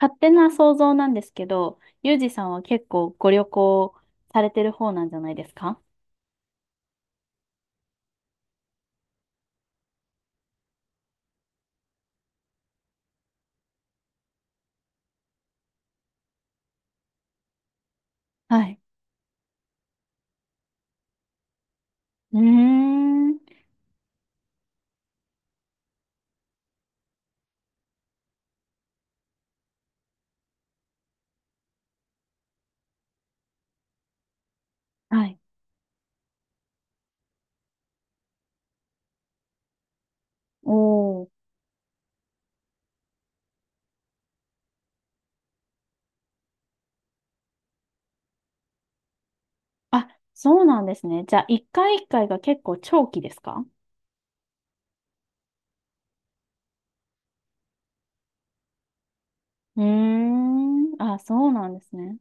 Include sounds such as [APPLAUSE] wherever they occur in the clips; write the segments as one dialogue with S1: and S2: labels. S1: 勝手な想像なんですけど、ユージさんは結構ご旅行されてる方なんじゃないですか？はい。うーん。はい。おー。あ、そうなんですね。じゃあ、一回一回が結構長期ですか？うーん。あ、そうなんですね。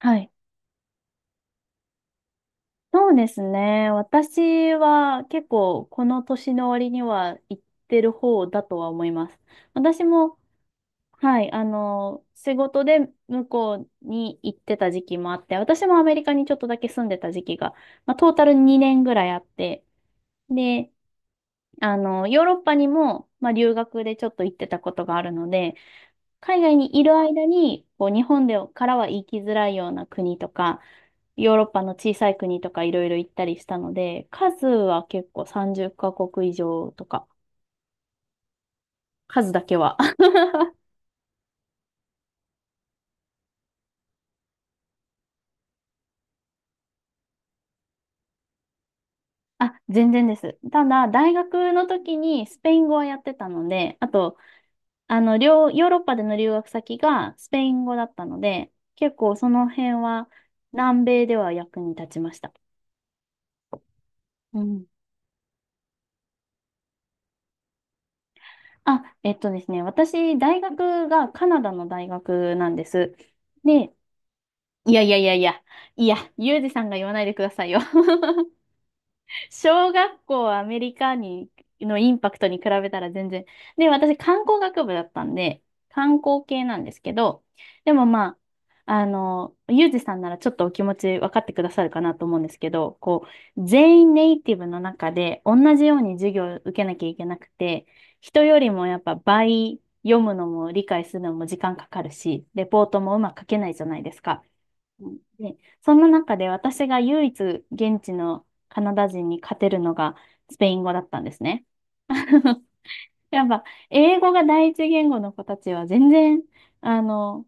S1: はい。そうですね。私は結構この年の割には行ってる方だとは思います。私も、はい、仕事で向こうに行ってた時期もあって、私もアメリカにちょっとだけ住んでた時期が、まあ、トータル2年ぐらいあって、で、ヨーロッパにも、まあ、留学でちょっと行ってたことがあるので、海外にいる間に、こう、日本でからは行きづらいような国とか、ヨーロッパの小さい国とかいろいろ行ったりしたので、数は結構30カ国以上とか、数だけは。あ、全然です。ただ、大学の時にスペイン語はやってたので、あと、ヨーロッパでの留学先がスペイン語だったので、結構その辺は南米では役に立ちました。うん。あ、ですね、私、大学がカナダの大学なんです。で、いやいやいやいや、いや、ユージさんが言わないでくださいよ。[LAUGHS] 小学校アメリカに、のインパクトに比べたら全然。で、私観光学部だったんで、観光系なんですけど、でもまあ、ゆうじさんならちょっとお気持ち分かってくださるかなと思うんですけど、こう、全員ネイティブの中で同じように授業を受けなきゃいけなくて、人よりもやっぱ倍読むのも理解するのも時間かかるし、レポートもうまく書けないじゃないですか。うんで、そんな中で私が唯一現地のカナダ人に勝てるのがスペイン語だったんですね。やっぱ英語が第一言語の子たちは全然、あの、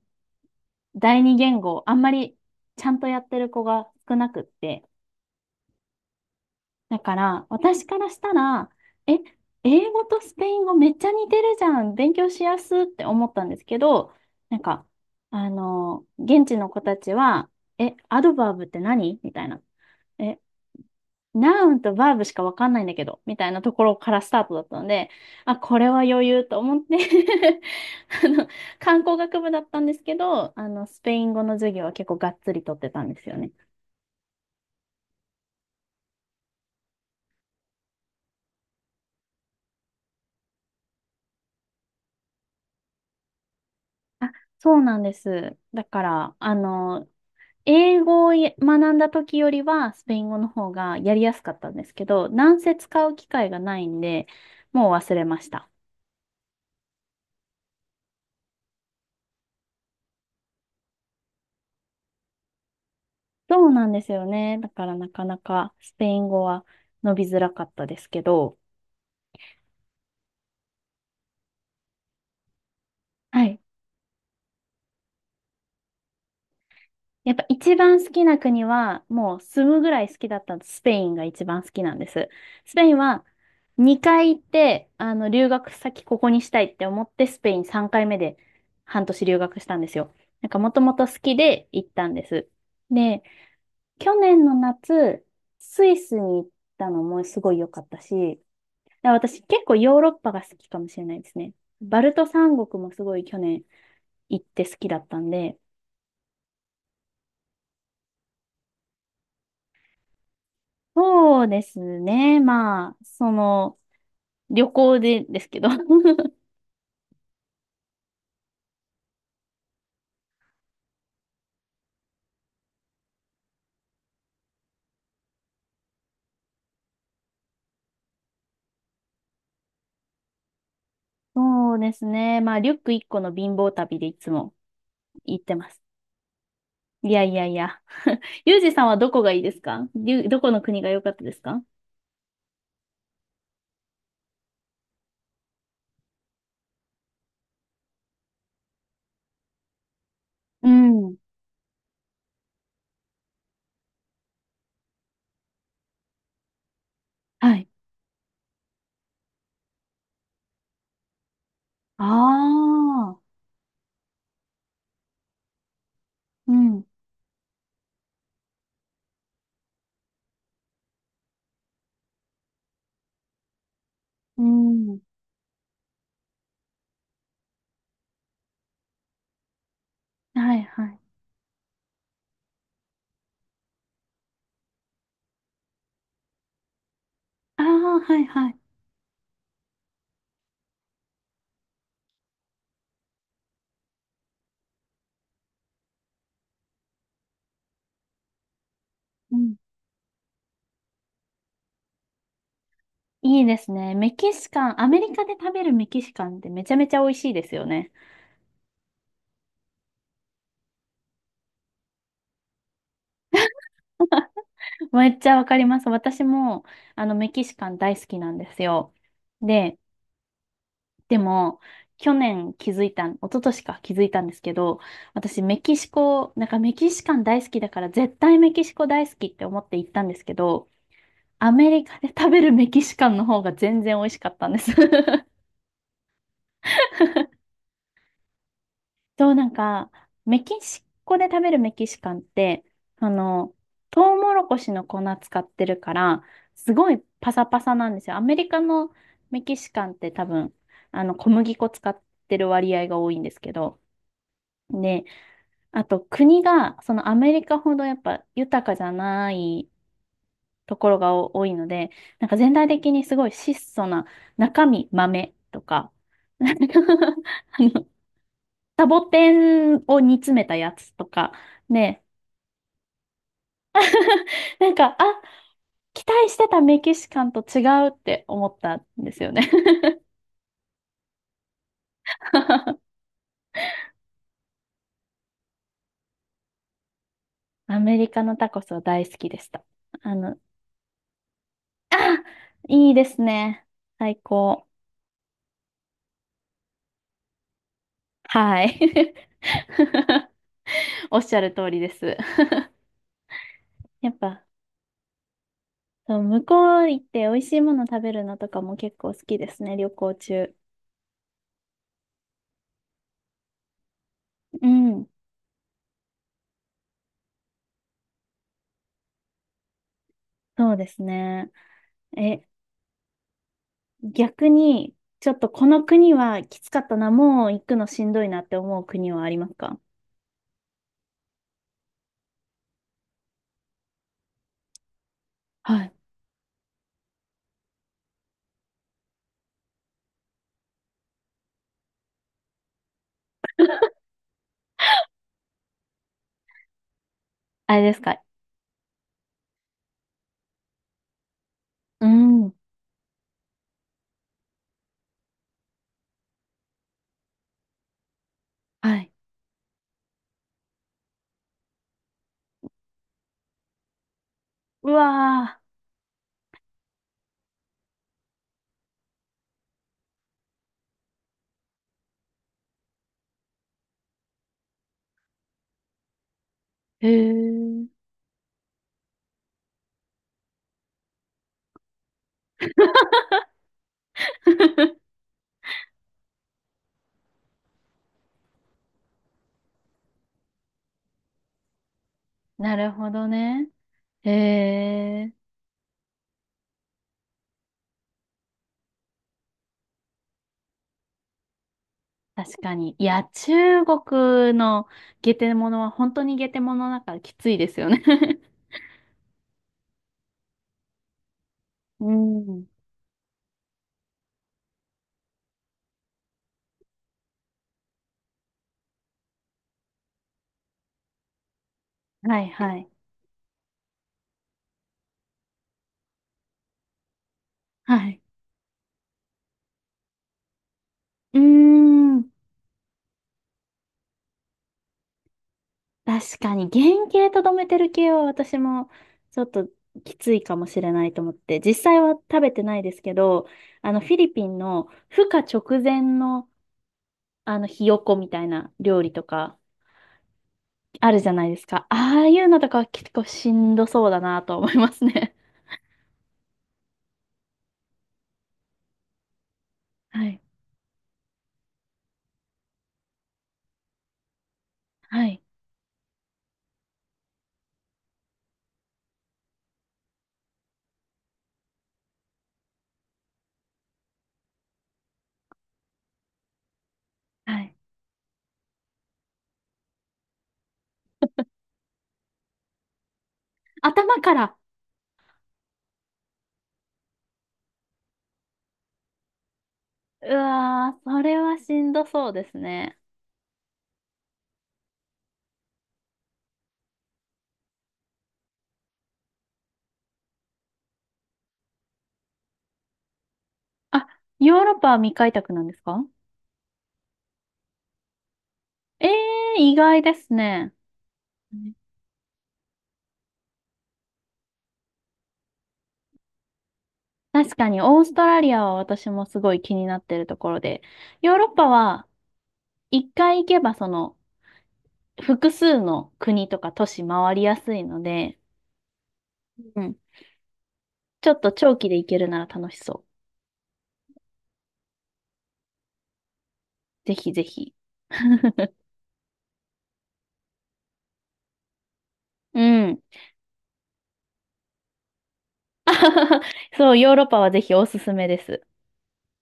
S1: 第二言語あんまりちゃんとやってる子が少なくって。だから私からしたら、え、英語とスペイン語めっちゃ似てるじゃん。勉強しやすって思ったんですけど、なんか、現地の子たちは、え、アドバーブって何みたいな。え、ナウンとバーブしかわかんないんだけど、みたいなところからスタートだったので、あ、これは余裕と思って [LAUGHS] あの、観光学部だったんですけど、スペイン語の授業は結構がっつり取ってたんですよね。そうなんです。だから、英語をや学んだ時よりは、スペイン語の方がやりやすかったんですけど、なんせ使う機会がないんで、もう忘れました。そうなんですよね。だからなかなかスペイン語は伸びづらかったですけど、はい。やっぱ一番好きな国は、もう住むぐらい好きだったスペインが一番好きなんです。スペインは2回行って、留学先ここにしたいって思って、スペイン3回目で半年留学したんですよ。なんかもともと好きで行ったんです。で、去年の夏、スイスに行ったのもすごい良かったし、だから私結構ヨーロッパが好きかもしれないですね。バルト三国もすごい去年行って好きだったんで、そうですね。まあ、旅行でですけど。[LAUGHS] そうですね。まあ、リュック1個の貧乏旅でいつも行ってます。いやいやいや。ユージさんはどこがいいですか？どこの国が良かったですか？うん。はい。ああ。うん。うん。はいはい。ああ、はいはい。うん。いいですね。メキシカン、アメリカで食べるメキシカンってめちゃめちゃ美味しいですよね。めっちゃわかります。私も、メキシカン大好きなんですよ。で、でも、去年気づいた一昨年か気づいたんですけど、私メキシコ、なんかメキシカン大好きだから絶対メキシコ大好きって思って行ったんですけど、アメリカで食べるメキシカンの方が全然美味しかったんです。[LAUGHS] そう、なんか、メキシコで食べるメキシカンって、あの、トウモロコシの粉使ってるから、すごいパサパサなんですよ。アメリカのメキシカンって多分、小麦粉使ってる割合が多いんですけど、で、あと国が、そのアメリカほどやっぱ豊かじゃないところがお多いので、なんか全体的にすごい質素な中身豆とか、[LAUGHS] なんか [LAUGHS] あのサボテンを煮詰めたやつとか、ね、[LAUGHS] なんか、あ、期待してたメキシカンと違うって思ったんですよね。[LAUGHS] アメリカのタコスは大好きでした。あの、いいですね。最高。はい。[LAUGHS] おっしゃる通りです。やっぱ、そう向こう行って美味しいもの食べるのとかも結構好きですね、旅行中。うん。そうですね。え、逆に、ちょっとこの国はきつかったな、もう行くのしんどいなって思う国はありますか？はい。あれですか？うん。う。はい。わ。へえ。ー [LAUGHS] なるほどね。へえ。確かに。いや、中国のゲテモノは本当にゲテモノだからきついですよね。 [LAUGHS] うん。はいはい。[LAUGHS] はい。うーん。確かに原型とどめてる系は私もちょっときついかもしれないと思って、実際は食べてないですけど、あのフィリピンの孵化直前のあのひよこみたいな料理とかあるじゃないですか。ああいうのとかは結構しんどそうだなと思いますね。[LAUGHS] はい。はい。はい。頭から。うわー、それはしんどそうですね。あ、ヨーロッパは未開拓なんですか？ええー、意外ですね。確かに、オーストラリアは私もすごい気になってるところで、ヨーロッパは一回行けばその複数の国とか都市回りやすいので、うん、ちょっと長期で行けるなら楽しそう。ぜひぜひ。[LAUGHS] うん。[LAUGHS] そう、ヨーロッパはぜひおすすめです。